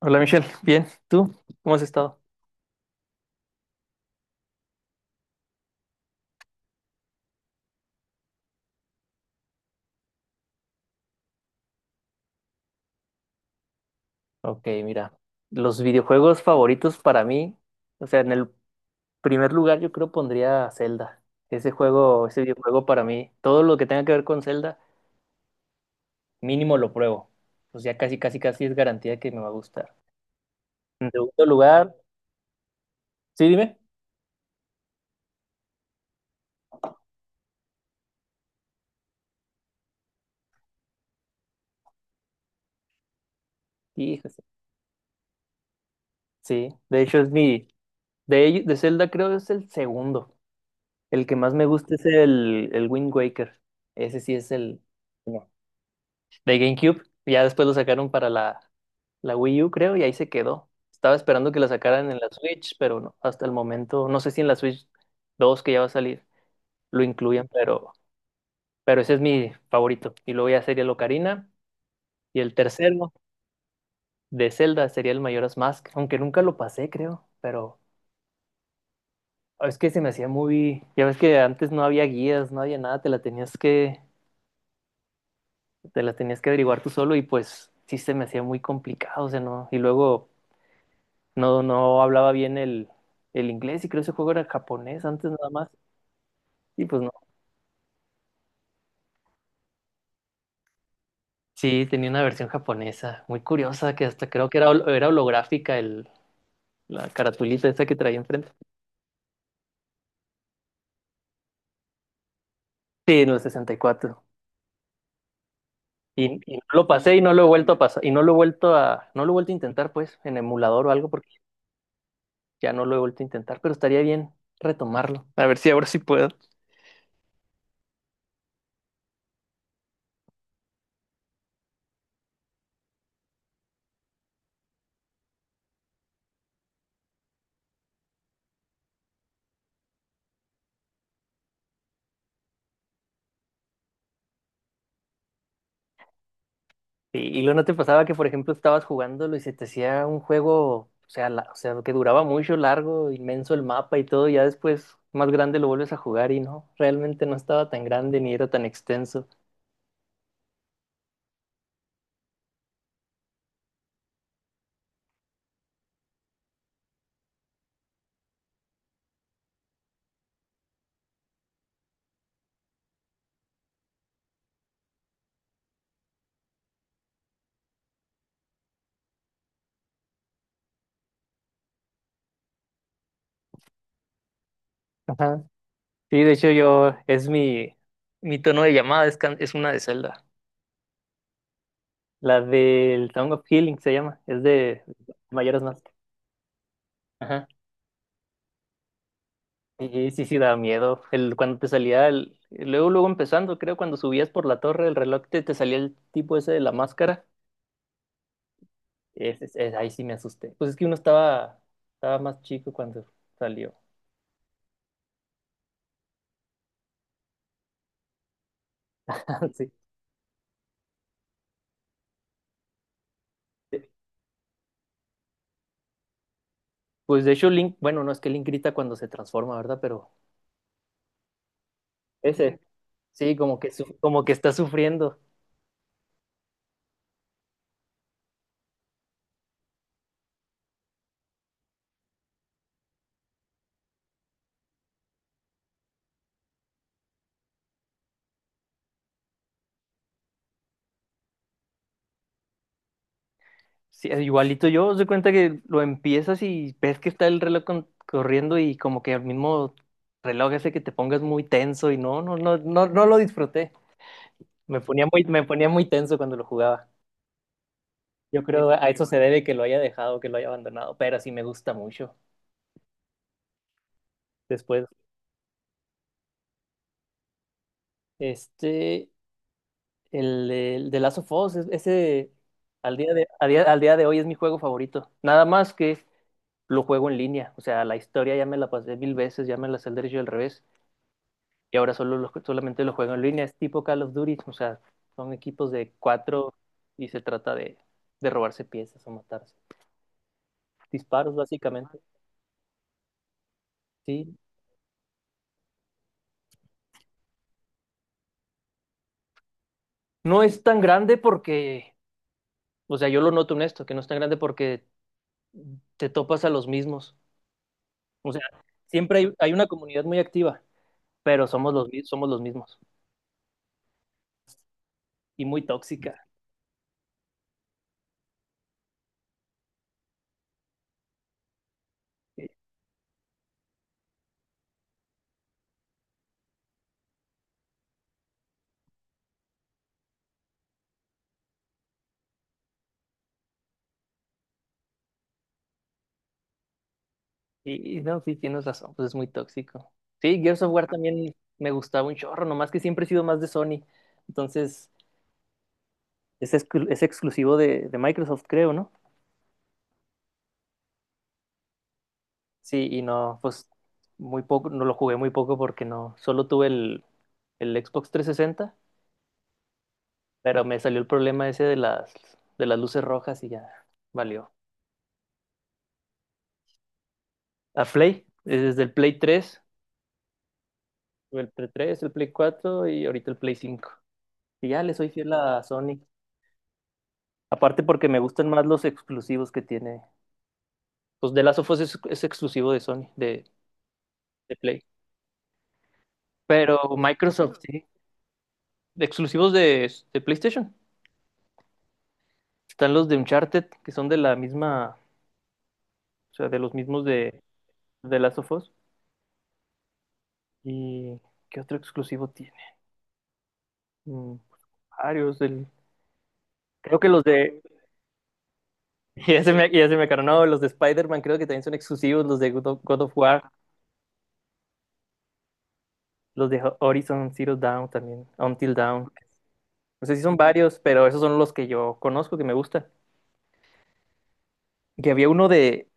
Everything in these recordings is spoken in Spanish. Hola Michelle, bien, ¿tú cómo has estado? Ok, mira, los videojuegos favoritos para mí, o sea, en el primer lugar yo creo pondría Zelda. Ese juego, ese videojuego para mí, todo lo que tenga que ver con Zelda, mínimo lo pruebo. O sea, casi, casi, casi es garantía de que me va a gustar. En segundo lugar, sí, dime. Híjole, sí, de hecho es mi, de Zelda creo es el segundo. El que más me gusta es el Wind Waker. Ese sí es el... no, de GameCube. Ya después lo sacaron para la Wii U, creo, y ahí se quedó. Estaba esperando que la sacaran en la Switch, pero no, hasta el momento, no sé si en la Switch 2 que ya va a salir lo incluyan, pero ese es mi favorito. Y luego ya sería el Ocarina, y el tercero de Zelda sería el Majora's Mask, aunque nunca lo pasé, creo, pero es que se me hacía muy, ya ves que antes no había guías, no había nada, te la tenías que averiguar tú solo y pues sí se me hacía muy complicado, o sea, no, y luego no, no hablaba bien el inglés, y creo que ese juego era japonés antes nada más. Y pues no. Sí, tenía una versión japonesa, muy curiosa, que hasta creo que era, era holográfica el, la caratulita esa que traía enfrente. Sí, en el 64. Y, cuatro, y no lo pasé, y no lo he vuelto a pasar, y no lo he vuelto a, no lo he vuelto a intentar pues, en emulador o algo, porque ya no lo he vuelto a intentar, pero estaría bien retomarlo. A ver si ahora sí puedo. Sí, y luego no te pasaba que, por ejemplo, estabas jugándolo y se te hacía un juego, o sea, o sea, que duraba mucho, largo, inmenso el mapa y todo, y ya después más grande lo vuelves a jugar y no, realmente no estaba tan grande ni era tan extenso. Ajá. Sí, de hecho yo, es mi, mi tono de llamada, es, es una de Zelda. La del Song of Healing se llama, es de Mayoras Mask. Ajá. Y sí, sí, daba miedo. El, cuando te salía, el, luego, luego empezando, creo, cuando subías por la torre, el reloj te salía el tipo ese de la máscara. Es, ahí sí me asusté. Pues es que uno estaba, estaba más chico cuando salió. Sí. Pues de hecho Link, bueno, no es que Link grita cuando se transforma, ¿verdad? Pero ese, sí, como que, como que está sufriendo. Sí, igualito yo, se cuenta que lo empiezas y ves que está el reloj corriendo, y como que el mismo reloj hace que te pongas muy tenso y no, no, no, no, no lo disfruté. Me ponía muy tenso cuando lo jugaba. Yo creo a eso se debe que lo haya dejado, que lo haya abandonado, pero sí me gusta mucho. Después este, el, de Last of Us, ese al día de hoy es mi juego favorito. Nada más que lo juego en línea. O sea, la historia ya me la pasé mil veces, ya me la sé al derecho y al revés. Y ahora solamente lo juego en línea. Es tipo Call of Duty. O sea, son equipos de cuatro y se trata de robarse piezas o matarse. Disparos, básicamente. Sí. No es tan grande porque, o sea, yo lo noto en esto, que no es tan grande porque te topas a los mismos. O sea, siempre hay, hay una comunidad muy activa. Pero somos los, somos los mismos, y muy tóxica. Y, y no, sí, tienes razón, pues es muy tóxico. Sí, Gears of War también me gustaba un chorro, nomás que siempre he sido más de Sony. Entonces, es, es exclusivo de Microsoft, creo, ¿no? Sí, y no, pues muy poco, no lo jugué muy poco porque no, solo tuve el Xbox 360, pero me salió el problema ese de las luces rojas y ya valió. A Play, desde el Play 3, tuve el Play 3, el Play 4 y ahorita el Play 5. Y ya le soy fiel a Sony. Aparte porque me gustan más los exclusivos que tiene. Pues The Last of Us es exclusivo de Sony, de Play. Pero Microsoft, sí. De exclusivos de PlayStation. Están los de Uncharted, que son de la misma, o sea, de los mismos de Last of Us. ¿Y qué otro exclusivo tiene? Mm, varios. Creo que los de... ya se me acabaron. No, los de Spider-Man creo que también son exclusivos. Los de God of War, los de Horizon Zero Dawn también. Until Dawn. No sé si son varios, pero esos son los que yo conozco, que me gustan. Que había uno de,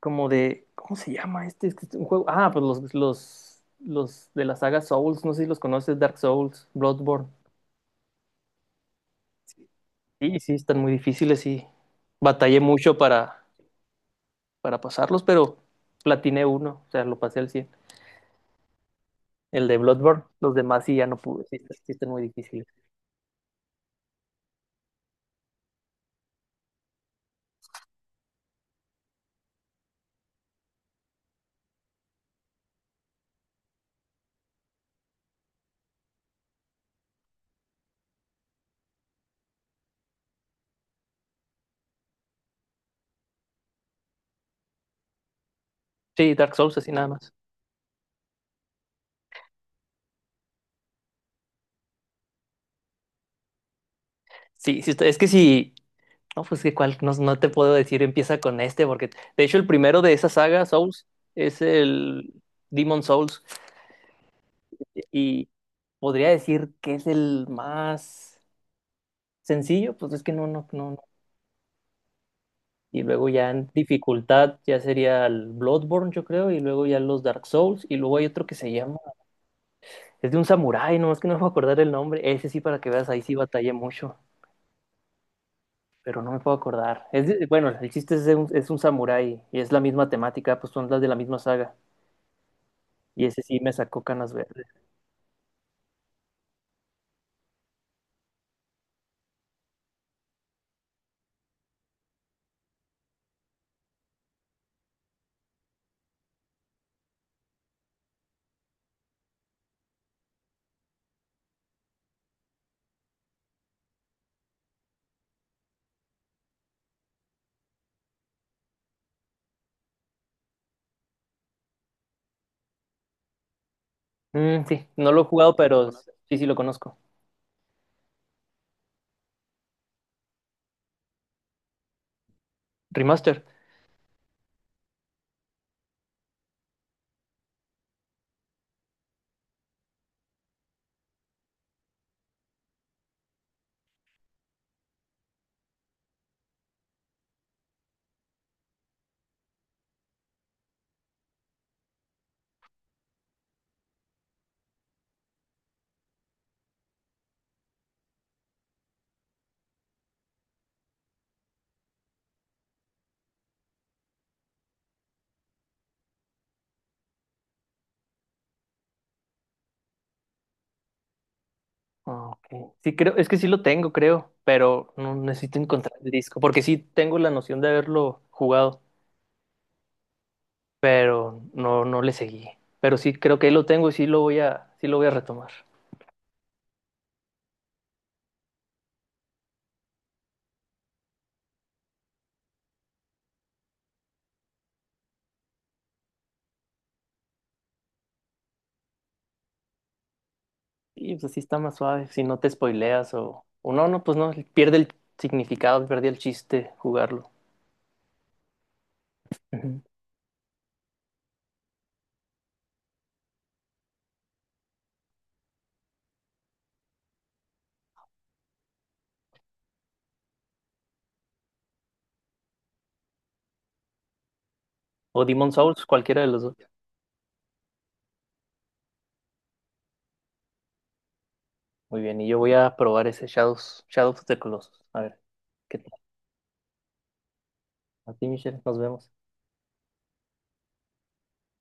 como de, ¿cómo se llama este? Es que es un juego. Ah, pues los de la saga Souls, no sé si los conoces, Dark Souls, Bloodborne. Sí, sí, están muy difíciles, y batallé mucho para pasarlos, pero platiné uno, o sea, lo pasé al cien. El de Bloodborne, los demás sí ya no pude, sí, sí están muy difíciles. Sí, Dark Souls, así nada más. Sí, es que sí no, pues que cual, no, no te puedo decir, empieza con este, porque de hecho el primero de esa saga, Souls, es el Demon Souls, y podría decir que es el más sencillo, pues es que no, no, no, no. Y luego ya en dificultad ya sería el Bloodborne, yo creo, y luego ya los Dark Souls, y luego hay otro que se llama, es de un samurái, no, es que no me puedo acordar el nombre, ese sí para que veas, ahí sí batallé mucho, pero no me puedo acordar. Bueno, el chiste es de un, es un samurái, y es la misma temática, pues son las de la misma saga. Y ese sí me sacó canas verdes. Mm, sí, no lo he jugado, pero sí, sí lo conozco. Remaster. Ah, ok. Sí, creo, es que sí lo tengo, creo, pero no necesito encontrar el disco, porque sí tengo la noción de haberlo jugado, pero no, no le seguí. Pero sí creo que ahí lo tengo y sí lo voy a, sí lo voy a retomar. Y pues así está más suave, si no te spoileas o no, no, pues no, pierde el significado, pierde el chiste jugarlo. Ujú. O Demon Souls, cualquiera de los dos. Muy bien, y yo voy a probar ese Shadows, Shadows of the Colossus. A ver, ¿qué tal? A ti, Michelle, nos vemos.